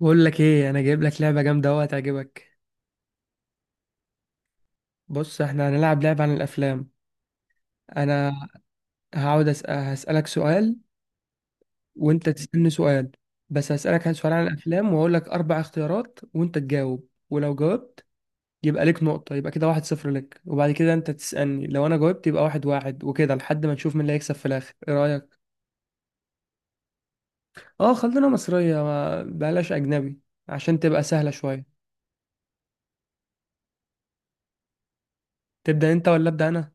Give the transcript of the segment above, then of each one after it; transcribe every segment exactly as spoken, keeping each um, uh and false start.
بقول لك ايه، انا جايب لك لعبه جامده اهو هتعجبك. بص، احنا هنلعب لعبه عن الافلام. انا هقعد أسأل، هسالك سؤال. وانت تسالني سؤال. بس هسالك عن سؤال عن الافلام واقول لك اربع اختيارات وانت تجاوب، ولو جاوبت يبقى ليك نقطه. يبقى كده واحد صفر لك، وبعد كده انت تسالني. لو انا جاوبت يبقى واحد واحد، وكده لحد ما نشوف مين اللي هيكسب في الاخر. ايه رايك؟ اه، خلينا مصريه، ما بلاش اجنبي. عشان تبقى سهله شويه. تبدا انت ولا ابدا انا؟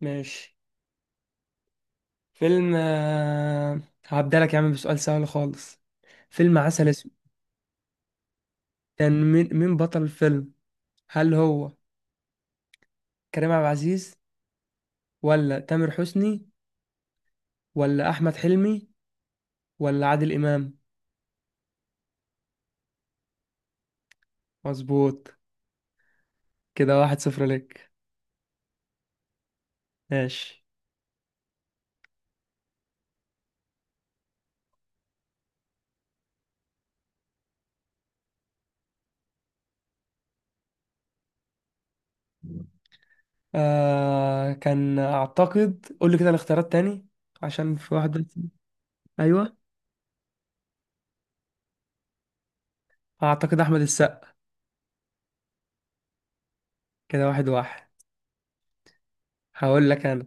ماشي. فيلم آه، هبدألك يا عم بسؤال سهل خالص. فيلم عسل اسود. كان مين مين بطل الفيلم؟ هل هو كريم عبد العزيز، ولا تامر حسني، ولا احمد حلمي، ولا عادل امام؟ مظبوط. كده واحد صفر ليك. ماشي. آه كان اعتقد قول لي كده الاختيارات تاني، عشان في واحد. ايوه، اعتقد احمد السقا. كده واحد واحد. هقول لك انا.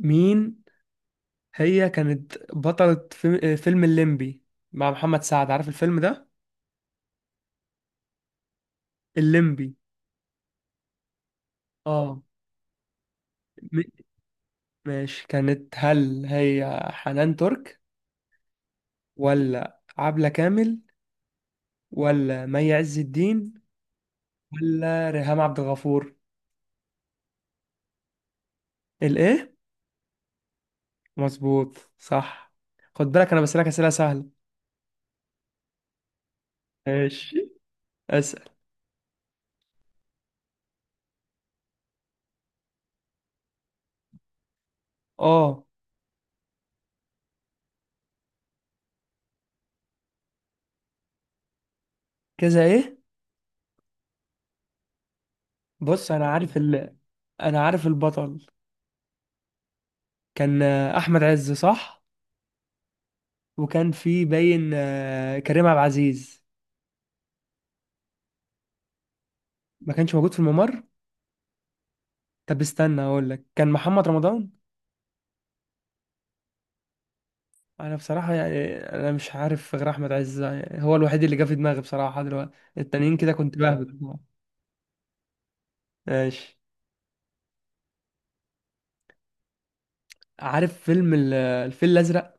مين؟ هي كانت بطلة في- فيلم الليمبي مع محمد سعد. عارف الفيلم ده؟ الليمبي. اه. م- ماشي. كانت، هل هي حنان ترك، ولا عبلة كامل، ولا مي عز الدين، ولا ريهام عبد الغفور؟ الايه؟ مظبوط، صح. خد بالك انا بسألك أسئلة سهلة. ماشي، أسأل. اه. كذا ايه؟ بص، انا عارف ال... انا عارف البطل. كان احمد عز، صح؟ وكان في باين آه، كريم عبد العزيز. ما كانش موجود في الممر. طب استنى، اقول لك كان محمد رمضان. انا بصراحة يعني انا مش عارف غير احمد عز، يعني هو الوحيد اللي جه في دماغي بصراحة دلوقتي. التانيين كده كنت بهبد. ماشي. عارف فيلم ال- الفيل الازرق؟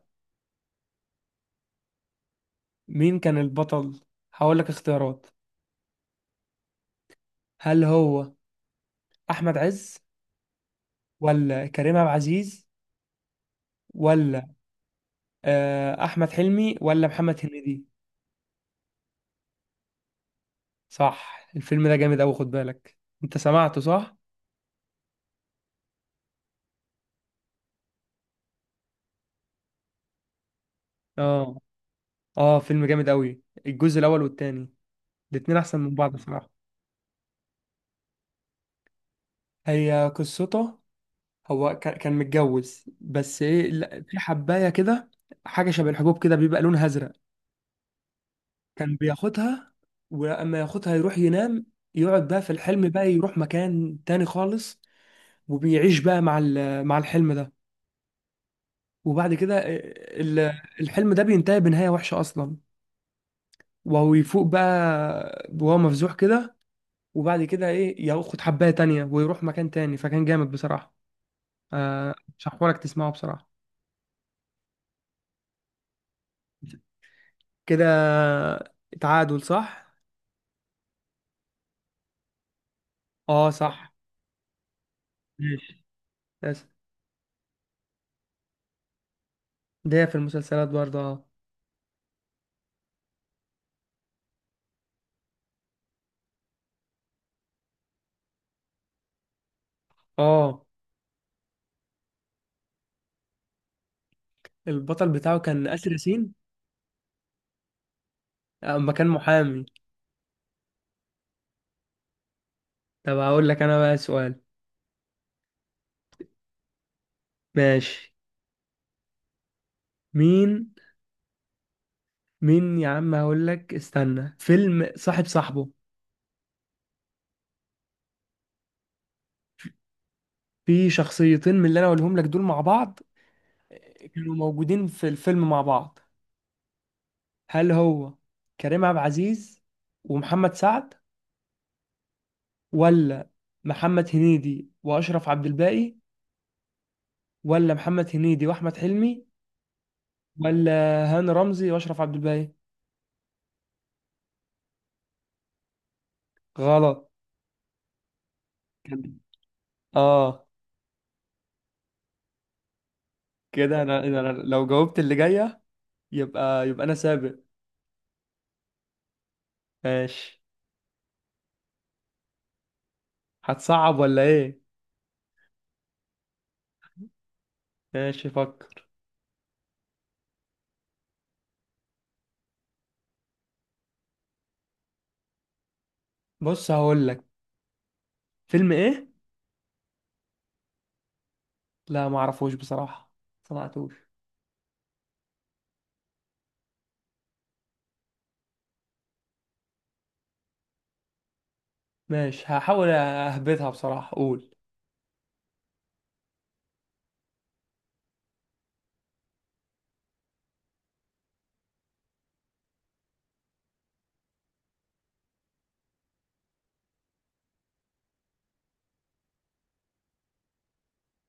مين كان البطل؟ هقول لك اختيارات. هل هو احمد عز، ولا كريم عبد العزيز، ولا آه، احمد حلمي، ولا محمد هنيدي؟ صح. الفيلم ده جامد اوي، خد بالك. انت سمعته صح؟ اه. اه، فيلم جامد قوي. الجزء الاول والتاني، الاتنين احسن من بعض بصراحه. هي قصته، هو كا- كان متجوز، بس ايه، لا، في حبايه كده. حاجه شبه الحبوب كده، بيبقى لونها ازرق. كان بياخدها، ولما ياخدها يروح ينام. يقعد بقى في الحلم بقى يروح مكان تاني خالص. وبيعيش بقى مع ال- مع الحلم ده. وبعد كده آه، ال- الحلم ده بينتهي بنهايه وحشه اصلا. وهو يفوق بقى وهو مفزوح كده. وبعد كده ايه، ياخد حبايه تانية ويروح مكان تاني. فكان جامد بصراحه. آه شحورك تسمعه بصراحه. كده تعادل، صح. اه، صح. ماشي. بس ده في المسلسلات برضه، اه. اه. البطل بتاعه كان آسر ياسين. آه، اما كان محامي. طب هقول لك انا بقى سؤال. ماشي. مين مين يا عم، هقول لك استنى، فيلم صاحب صاحبه. في شخصيتين من اللي انا اقولهم لك دول مع بعض، آه، كانوا موجودين في الفيلم مع بعض. هل هو كريم عبد العزيز ومحمد سعد، ولا محمد هنيدي واشرف عبد الباقي، ولا محمد هنيدي واحمد حلمي، ولا هاني رمزي واشرف عبد الباقي؟ غلط. كده، اه. كده انا انا لو جاوبت اللي جايه، يبقى يبقى انا سابق. ماشي. هتصعب ولا ايه؟ ماشي، فكر. بص هقول لك. فيلم ايه؟ لا، ما اعرفوش بصراحه. سمعتوش. ماشي، هحاول اهبطها بصراحه، قول.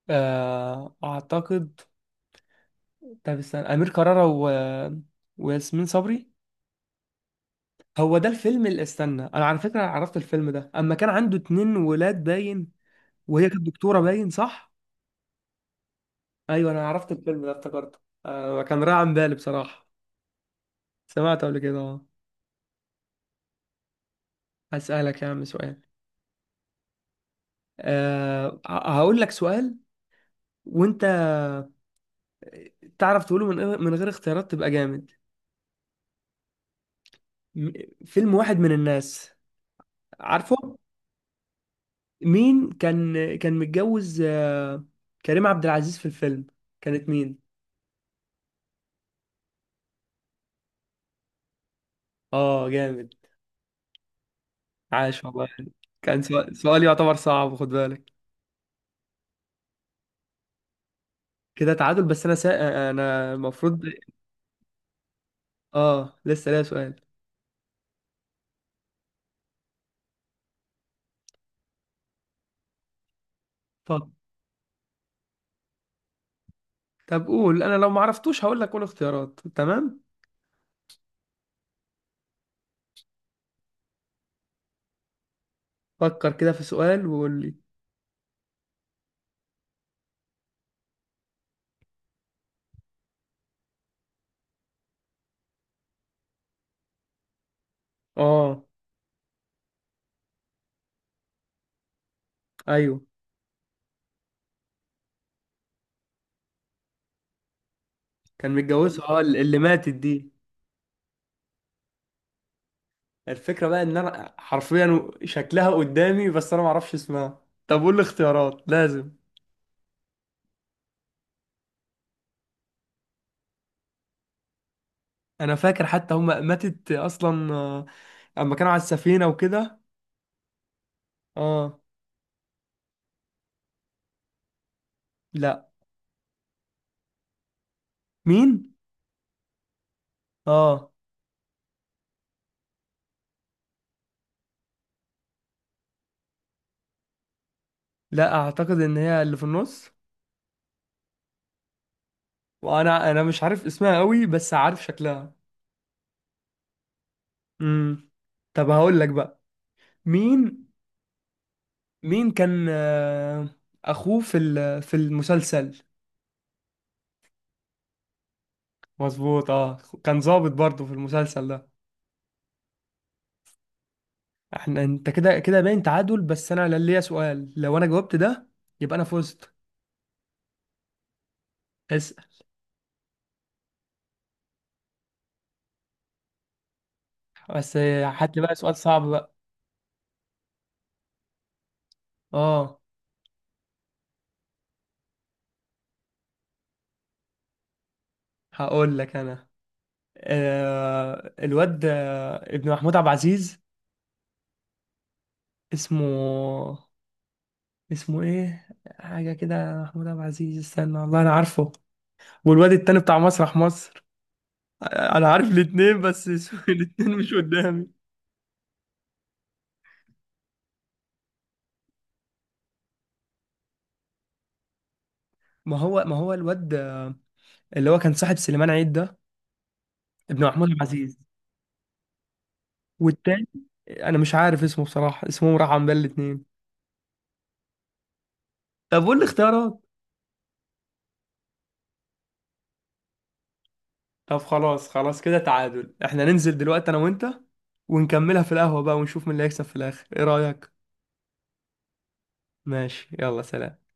آه، اعتقد. طب استنى أمير كرارة و... وياسمين صبري. هو ده الفيلم اللي، استنى، أنا على فكرة عرفت الفيلم ده أما كان عنده اتنين ولاد باين. وهي كانت دكتورة باين، صح؟ أيوه، أنا عرفت الفيلم ده، افتكرته. آه كان رايح عن بالي بصراحة. سمعته قبل كده، أه. هسألك يا عم سؤال. أه ه- هقول لك سؤال. وأنت تعرف تقوله من غير- من غير اختيارات، تبقى جامد. م- فيلم واحد من الناس، عارفه؟ مين كان كان متجوز آه، كريم عبد العزيز في الفيلم؟ كانت مين؟ اه، جامد. عاش والله. كان سؤال سؤال يعتبر صعب، خد بالك. كده تعادل، بس انا سا... آه، آه، انا المفروض. اه، لسه ليا سؤال. طب. طب قول، انا لو ما عرفتوش هقول لك، قول اختيارات، تمام. فكر كده في سؤال وقول لي. اه. ايوه، كان متجوزها، اه اللي ماتت دي. الفكرة بقى ان انا حرفيا شكلها قدامي بس انا ما اعرفش اسمها. طب قول لي اختيارات لازم. انا فاكر حتى هم ماتت اصلا آه، اما كانوا على السفينه وكده. اه. لا. مين؟ اه. لا، اعتقد ان هي اللي في النص. وانا انا مش عارف اسمها قوي، بس عارف شكلها. امم. طب هقول لك بقى. مين؟ مين كان آه، اخوه في ال- في المسلسل؟ مظبوط، اه. كان ضابط برضه في المسلسل ده. احنا، انت كده كده باين تعادل، بس انا لا- ليا سؤال. لو انا جاوبت ده، يبقى انا فزت. اسأل. بس آه، هات لي بقى سؤال صعب بقى. اه. هقول لك انا. آه الواد آه، ابن محمود عبد العزيز. اسمه، اسمه ايه؟ حاجه كده، محمود عبد العزيز، استنى، والله انا عارفه. والواد التاني بتاع مسرح مصر. آه، انا عارف الاتنين بس اسمه- الاتنين مش قدامي. ما هو ما هو الواد آه، اللي هو كان صاحب سليمان عيد ده، ابن محمود عبد العزيز. والتاني، انا مش عارف اسمه بصراحه، اسمه راح عن بال الاتنين. طب قول لي اختيارات. طب خلاص، خلاص كده تعادل. احنا ننزل دلوقتي انا وانت، ونكملها في القهوة بقى، ونشوف مين اللي هيكسب في الاخر. ايه رأيك؟ ماشي، يلا سلام.